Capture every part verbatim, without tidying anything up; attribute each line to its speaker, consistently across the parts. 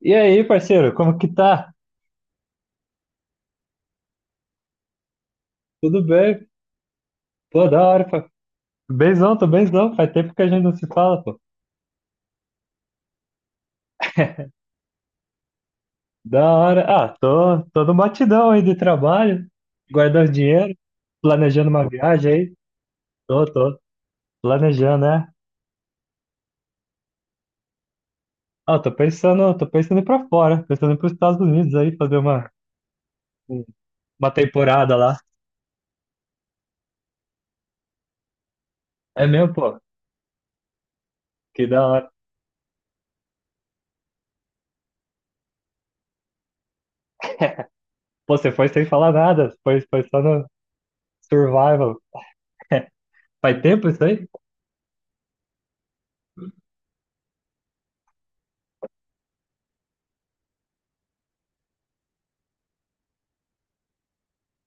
Speaker 1: E aí, parceiro, como que tá? Tudo bem? Pô, da hora, pô. Benzão, tô benzão. Faz tempo que a gente não se fala, pô. Da hora. Ah, tô, tô no batidão aí de trabalho, guardando dinheiro, planejando uma viagem aí. Tô, tô. Planejando, né? Ah, tô pensando, tô pensando em ir pra fora, pensando em ir pros Estados Unidos aí, fazer uma, um, uma temporada lá. É mesmo, pô. Que da hora. Pô, você foi sem falar nada, foi, foi só no survival. Faz tempo isso aí?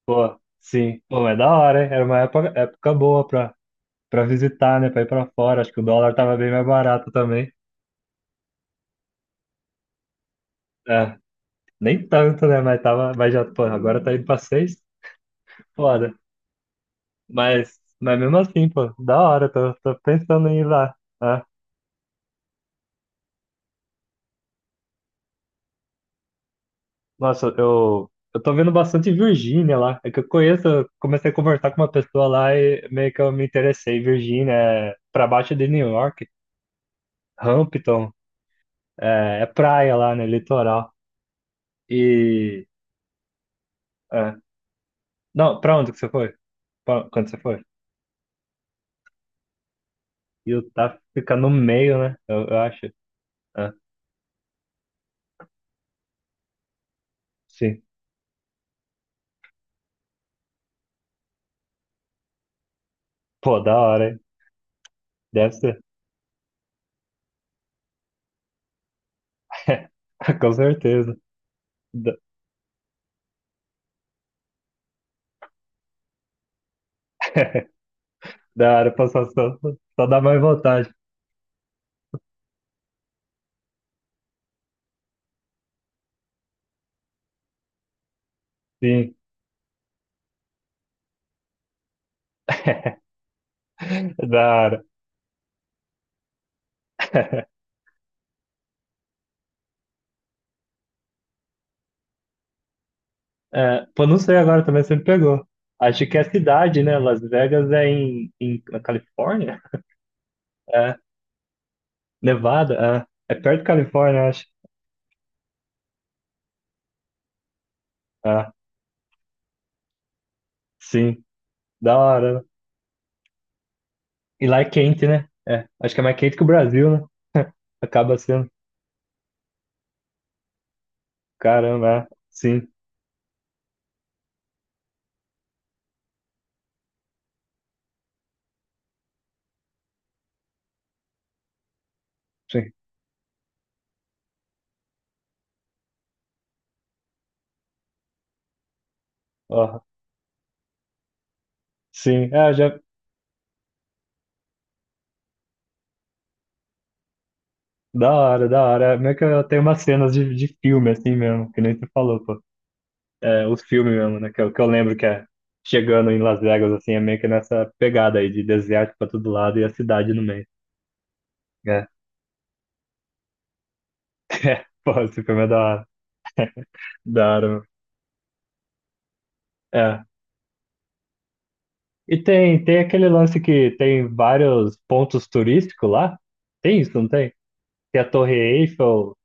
Speaker 1: Pô, sim. Pô, mas é da hora, hein? Era uma época, época boa pra, pra visitar, né? Pra ir pra fora. Acho que o dólar tava bem mais barato também. É, nem tanto, né? Mas tava, mas já, pô, agora tá indo pra seis. Foda. Mas, mas mesmo assim, pô, da hora. Tô, tô pensando em ir lá, né? Nossa, eu, eu tô vendo bastante Virgínia lá. É que eu conheço, eu comecei a conversar com uma pessoa lá e meio que eu me interessei. Virgínia é pra baixo de New York, Hampton. É, é praia lá, né? Litoral. E é. Não, pra onde que você foi? Pra- quando você foi? Utah fica no meio, né? Eu, eu acho. Ah, sim. Pô, da hora, hein? Deve ser. Com certeza. Da, Da hora, pô, só, só, só dá mais vontade. Sim. Da hora. É, pô, não sei agora também se me pegou. Acho que é cidade, né? Las Vegas é em, em na Califórnia? É. Nevada? É. É perto da Califórnia, acho. Ah, sim. Da hora, né? E lá é quente, né? É, acho que é mais quente que o Brasil, né? Acaba sendo. Caramba, é. Sim, sim. Ó, sim, é, já. Da hora, da hora. É meio que eu tenho umas cenas de, de filme, assim mesmo, que nem tu falou, pô. É, os filmes mesmo, né? Que eu, que eu lembro que é chegando em Las Vegas, assim, é meio que nessa pegada aí de deserto pra todo lado e a cidade no meio. É, é, pô, esse filme é da hora. Da hora, mano. É. E tem, tem aquele lance que tem vários pontos turísticos lá? Tem isso, não tem? Tem a Torre Eiffel,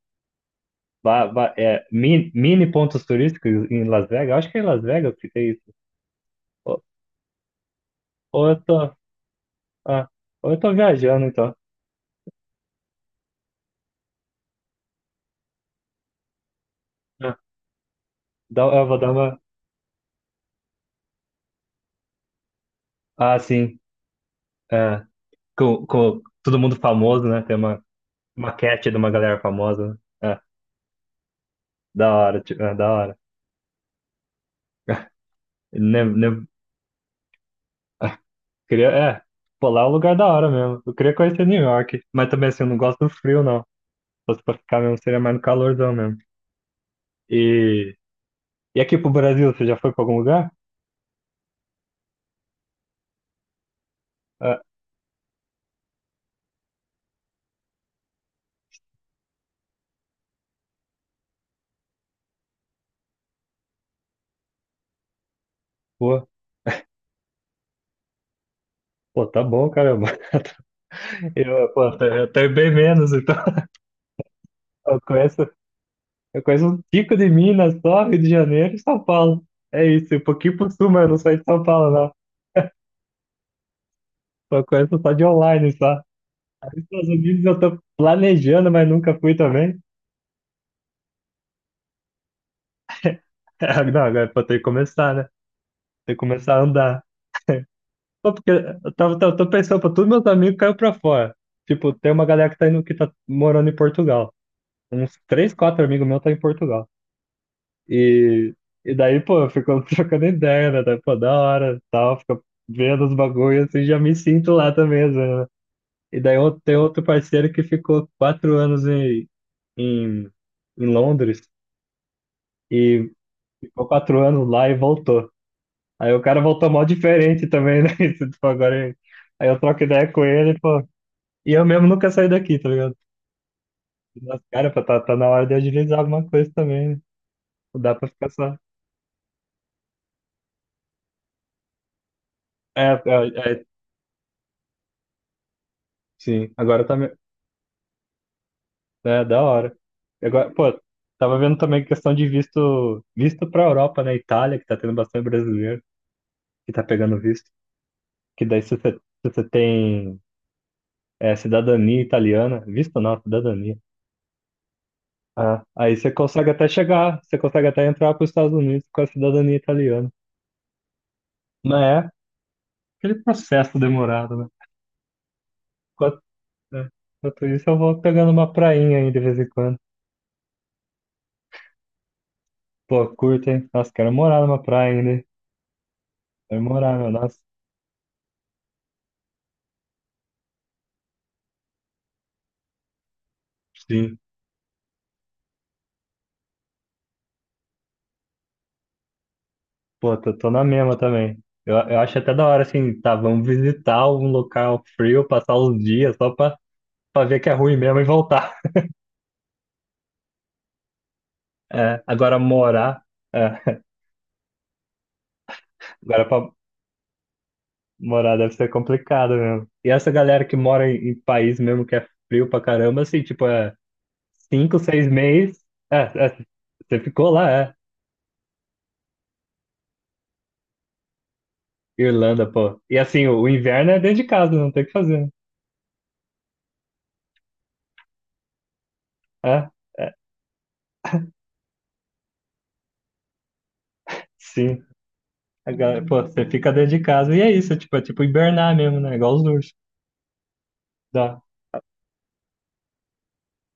Speaker 1: ba- ba- é, mini, mini pontos turísticos em Las Vegas. Acho que é em Las Vegas que tem isso. Ou, ou eu tô, ah, ou eu tô viajando, então. Ah, dá- eu vou dar uma. Ah, sim. É, com, com todo mundo famoso, né? Tem uma maquete de uma galera famosa, né? É, da hora, tipo, é, da hora. Ne, ne, ah, queria, é, Pô, lá é um lugar da hora mesmo. Eu queria conhecer New York, mas também assim, eu não gosto do frio, não. Só se fosse pra ficar mesmo, seria mais no calorzão mesmo. E. E aqui pro Brasil, você já foi pra algum lugar? Ah, pô, pô, tá bom, caramba. Eu, pô, até, eu até bem menos, então. Eu conheço, eu conheço um tico de Minas só, Rio de Janeiro e São Paulo. É isso, um pouquinho por sul, mas eu não saí de São Paulo, não. Eu conheço só de online, só. Aí, nos Estados Unidos eu tô planejando, mas nunca fui também. Não, agora pô, tem que começar, né? Tem que começar a andar. Pô, porque eu tava, tava, tô pensando, pô, todos meus amigos caiu pra fora. Tipo, tem uma galera que tá indo, que tá morando em Portugal. Uns três, quatro amigos meus tá em Portugal. E, e daí, pô, ficamos trocando ideia, né? Daí, pô, da hora, tal, fica vendo os bagulhos assim, já me sinto lá também, às vezes, né? E daí eu- tem outro parceiro que ficou quatro anos em, em, em Londres e ficou quatro anos lá e voltou. Aí o cara voltou mó diferente também, né? Isso, tipo, agora, aí eu troco ideia com ele, pô. E eu mesmo nunca saí daqui, tá ligado? Mas, cara, pô, tá, tá na hora de agilizar alguma coisa também, né? Não dá pra ficar só. É, é, é, sim, agora tá. me- É, da hora. E agora, pô, tava vendo também questão de visto, visto pra Europa, né? Itália, que tá tendo bastante brasileiro que tá pegando visto. Que daí, se você, se você tem é, cidadania italiana, visto não, cidadania. Ah, aí você consegue até chegar, você consegue até entrar pros Estados Unidos com a cidadania italiana. Não é aquele processo demorado, né? Enquanto, é, Enquanto isso, eu vou pegando uma prainha aí de vez em quando. Pô, curto, hein? Nossa, quero morar numa praia ainda. É memorável, nossa. Sim. Pô, tô, tô na mesma também. Eu, eu acho até da hora, assim, tá, vamos visitar um local frio, passar uns dias só pra, pra ver que é ruim mesmo e voltar. É, agora morar, é, Agora pra morar deve ser complicado mesmo. E essa galera que mora em, em país mesmo que é frio pra caramba, assim, tipo, é cinco, seis meses, é, é, você ficou lá, é. Irlanda, pô. E assim, o, o inverno é dentro de casa, não tem o que fazer, né? É, é, sim. A galera, pô, você fica dentro de casa e é isso, tipo, é tipo hibernar mesmo, né? Igual os ursos. Dá.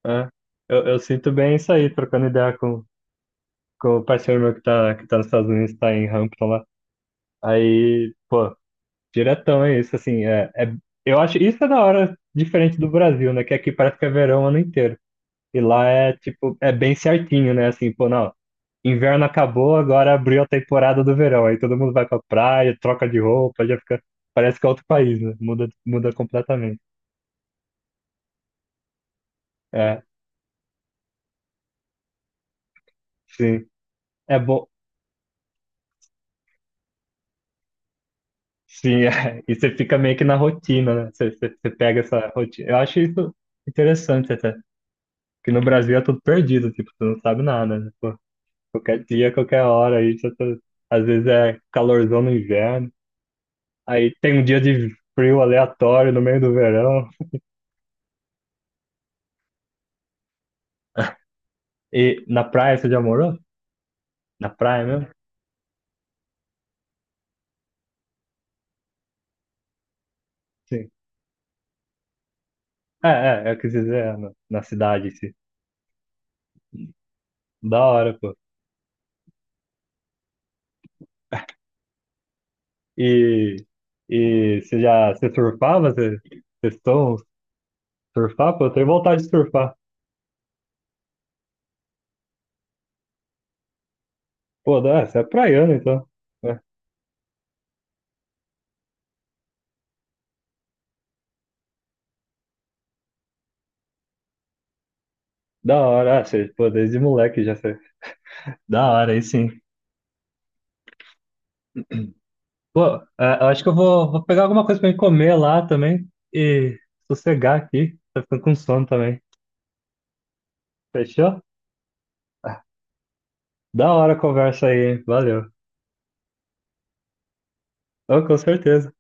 Speaker 1: É. Eu, eu sinto bem isso aí, trocando ideia com, com o parceiro meu que tá, que tá nos Estados Unidos, tá em Hampton lá. Aí, pô, diretão é isso, assim, é, é, eu acho, isso é da hora diferente do Brasil, né? Que aqui parece que é verão o ano inteiro. E lá é, tipo, é bem certinho, né? Assim, pô, não, inverno acabou, agora abriu a temporada do verão. Aí todo mundo vai pra praia, troca de roupa, já fica, parece que é outro país, né? Muda, muda completamente. É, sim. É bom. Sim, é. E você fica meio que na rotina, né? Você, você, você pega essa rotina. Eu acho isso interessante até. Porque no Brasil é tudo perdido, tipo, você não sabe nada, né? Pô, qualquer dia, qualquer hora, aí você tá- às vezes é calorzão no inverno. Aí tem um dia de frio aleatório no meio do verão. E na praia você já morou? Na praia mesmo? Sim. É, é, eu quis dizer, é, na, na cidade, em si. Da hora, pô. E, e você já você surfava? Você, vocês estão surfar? Pô, eu tenho vontade de surfar. Pô, da, você é praiano, então. É. Da hora, ah, você, pô, desde moleque já sei. Da hora, aí sim. Pô, é, eu acho que eu vou, vou pegar alguma coisa pra mim comer lá também e sossegar aqui. Tá ficando com sono também. Fechou? Da hora a conversa aí, hein? Valeu. Ô, com certeza.